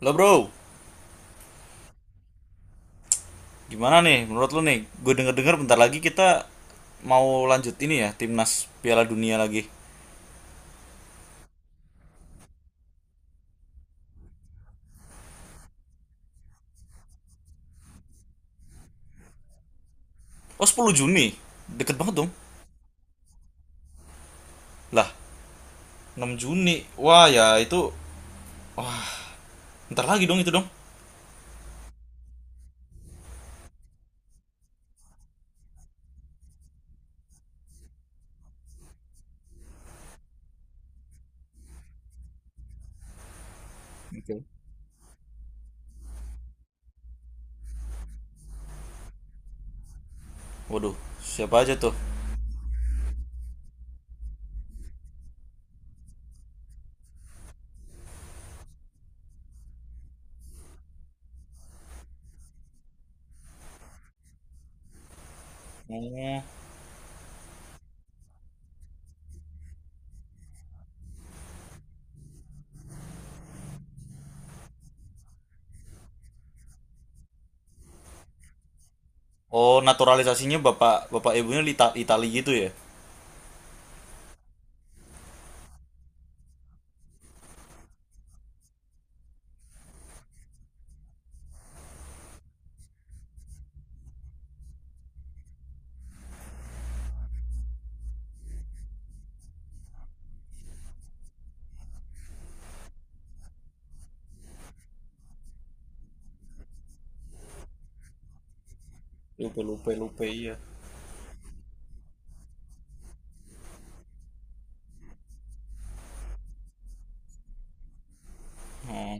Lo bro, gimana nih menurut lo nih? Gue denger-denger bentar lagi kita mau lanjut ini ya, timnas Piala Dunia lagi. Oh 10 Juni, deket banget dong. Lah, 6 Juni. Wah ya itu, bentar lagi dong itu dong. Oke. Waduh, siapa aja tuh? Oh, oh, naturalisasinya bapak bapak ibunya Lita, Itali gitu ya? Lupe lupe lupe, iya. Oh.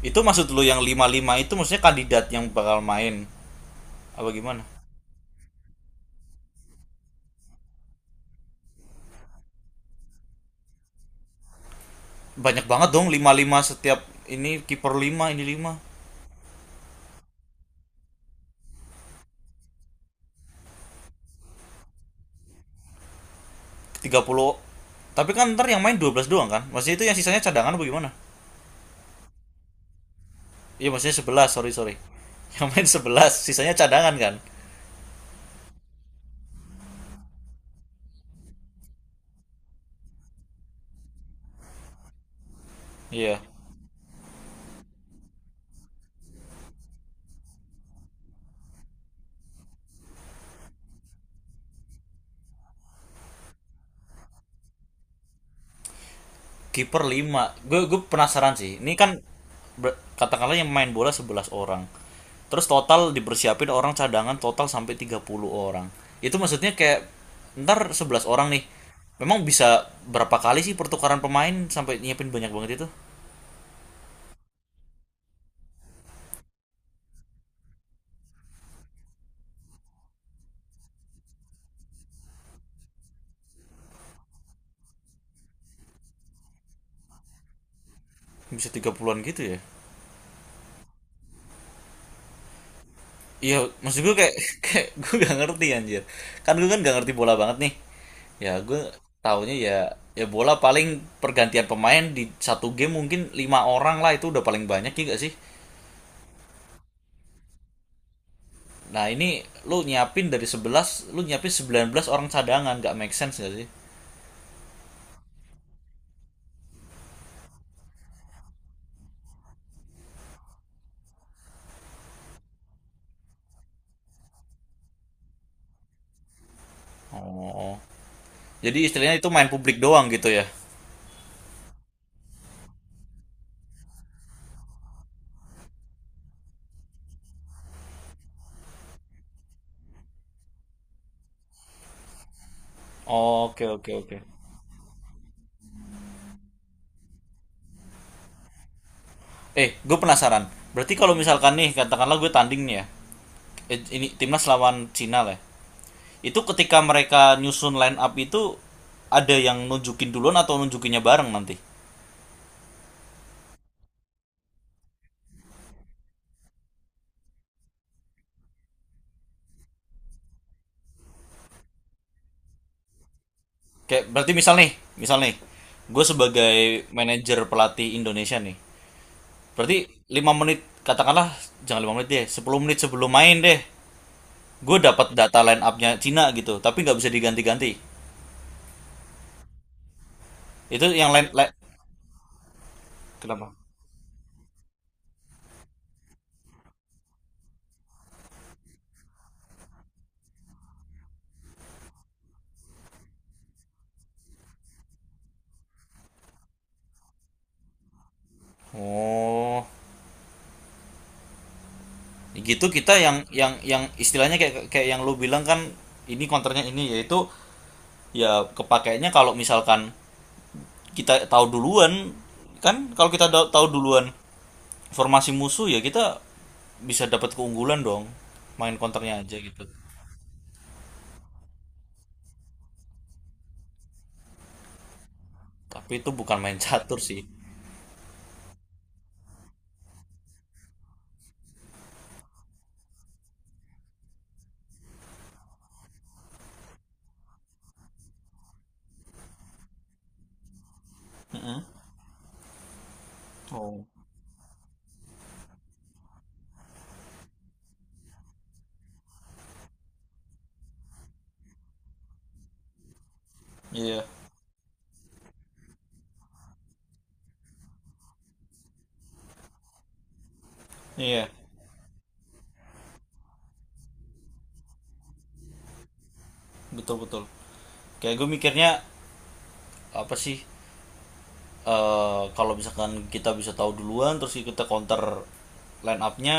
Itu maksud lo yang lima lima itu maksudnya kandidat yang bakal main apa gimana? Banyak banget dong lima lima setiap ini, kiper lima, ini 5. 30, tapi kan ntar yang main 12 doang kan, maksudnya itu yang sisanya cadangan apa gimana? Iya, maksudnya 11, sorry sorry, yang main 11, sisanya cadangan kan. Iya. Kiper lima. Gue penasaran sih ini, kan? Katakanlah yang main bola 11 orang, terus total dipersiapin orang cadangan total sampai 30 orang. Itu maksudnya kayak ntar 11 orang nih memang bisa berapa kali sih pertukaran pemain sampai nyiapin banyak banget itu? Bisa 30-an gitu ya? Iya, maksud gue kayak kayak gue gak ngerti anjir. Kan gue kan gak ngerti bola banget nih. Ya gue taunya ya, ya bola paling pergantian pemain di satu game mungkin lima orang lah, itu udah paling banyak, ya gak sih? Nah ini, lu nyiapin dari 11, lu nyiapin 19 orang cadangan. Gak make sense gak sih? Oh. Jadi istilahnya itu main publik doang gitu ya. Oke oke oke. Eh, gue penasaran. Berarti kalau misalkan nih, katakanlah gue tanding nih ya. Eh, ini timnas lawan Cina lah, ya. Itu ketika mereka nyusun line up itu ada yang nunjukin duluan atau nunjukinnya bareng nanti? Kayak berarti misal nih, gue sebagai manajer pelatih Indonesia nih. Berarti 5 menit, katakanlah jangan 5 menit deh, 10 menit sebelum main deh. Gue dapat data line up-nya Cina gitu, tapi nggak bisa diganti-ganti. Itu yang line. Kenapa? Oh, gitu. Kita yang istilahnya kayak kayak yang lu bilang kan, ini konternya ini, yaitu ya kepakainya kalau misalkan kita tahu duluan, kan kalau kita tahu duluan formasi musuh ya, kita bisa dapat keunggulan dong, main konternya aja gitu. Tapi itu bukan main catur sih. Mm-mm. Oh. Iya, iya, betul betul. Kayak gue mikirnya apa sih? Eh kalau misalkan kita bisa tahu duluan, terus kita counter line up-nya,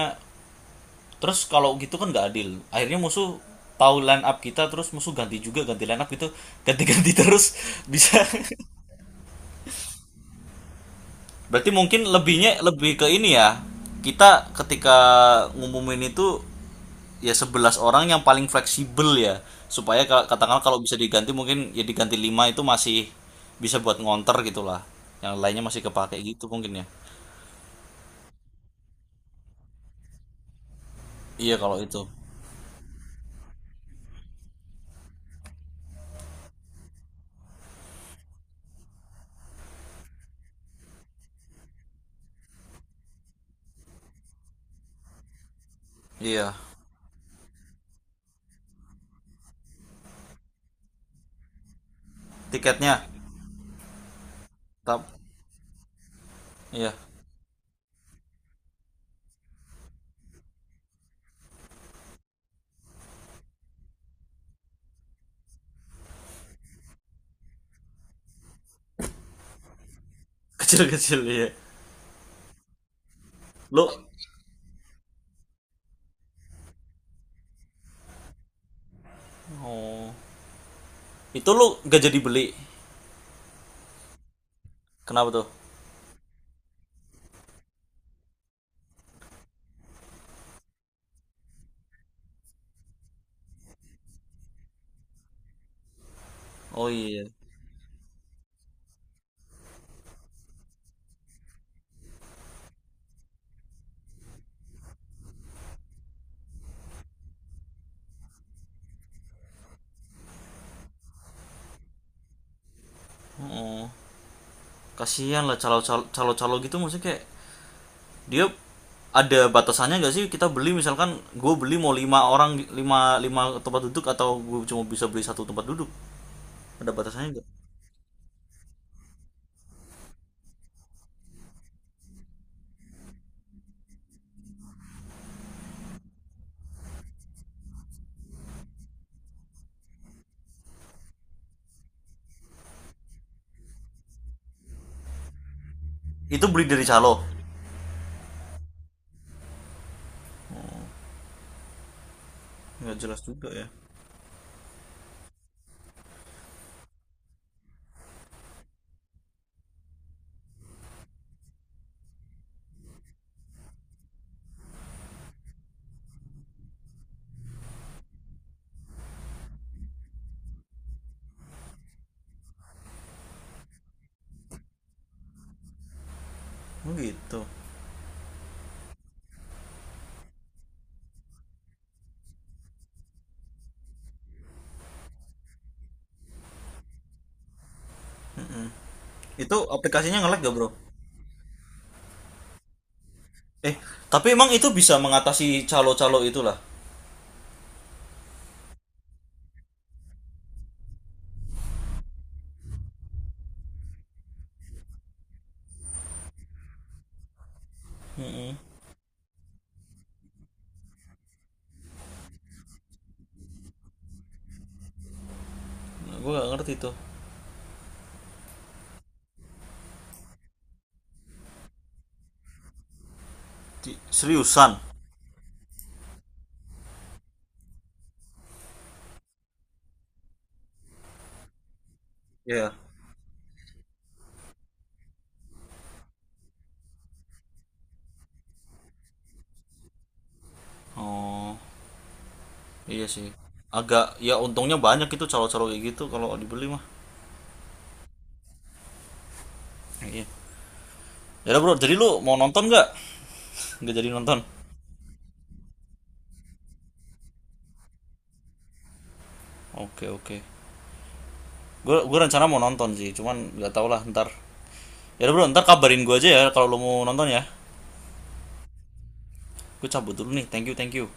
terus kalau gitu kan nggak adil. Akhirnya musuh tahu line up kita, terus musuh ganti juga, ganti line up gitu, ganti-ganti terus bisa. Berarti mungkin lebihnya lebih ke ini ya. Kita ketika ngumumin itu ya 11 orang yang paling fleksibel ya. Supaya katakanlah kalau bisa diganti mungkin ya diganti 5 itu masih bisa buat ngonter gitulah. Yang lainnya masih kepake gitu mungkin ya. Iya kalau itu. Iya. Tiketnya. tap iya. Kecil-kecil iya. Lu oh, itu lu gak jadi beli. Kenapa tuh? Oh iya. Oh, kasihan lah calo-calo gitu, maksudnya kayak dia ada batasannya nggak sih? Kita beli, misalkan gue beli mau lima orang, lima lima tempat duduk, atau gue cuma bisa beli satu tempat duduk? Ada batasannya nggak? Itu beli dari calo, nggak jelas juga ya. Oh, gitu. Itu aplikasinya nge-lag gak bro? Eh tapi emang itu bisa mengatasi calo-calo itulah? mm gue gak ngerti itu. Seriusan? Iya. Oh iya sih. Agak ya, untungnya banyak itu calo-calo kayak gitu kalau dibeli mah. Iya. Ya bro, jadi lu mau nonton nggak? Nggak jadi nonton. Oke oke. Gue rencana mau nonton sih, cuman nggak tau lah ntar. Ya udah bro, ntar kabarin gue aja ya kalau lo mau nonton ya. Gue cabut dulu nih. Thank you thank you.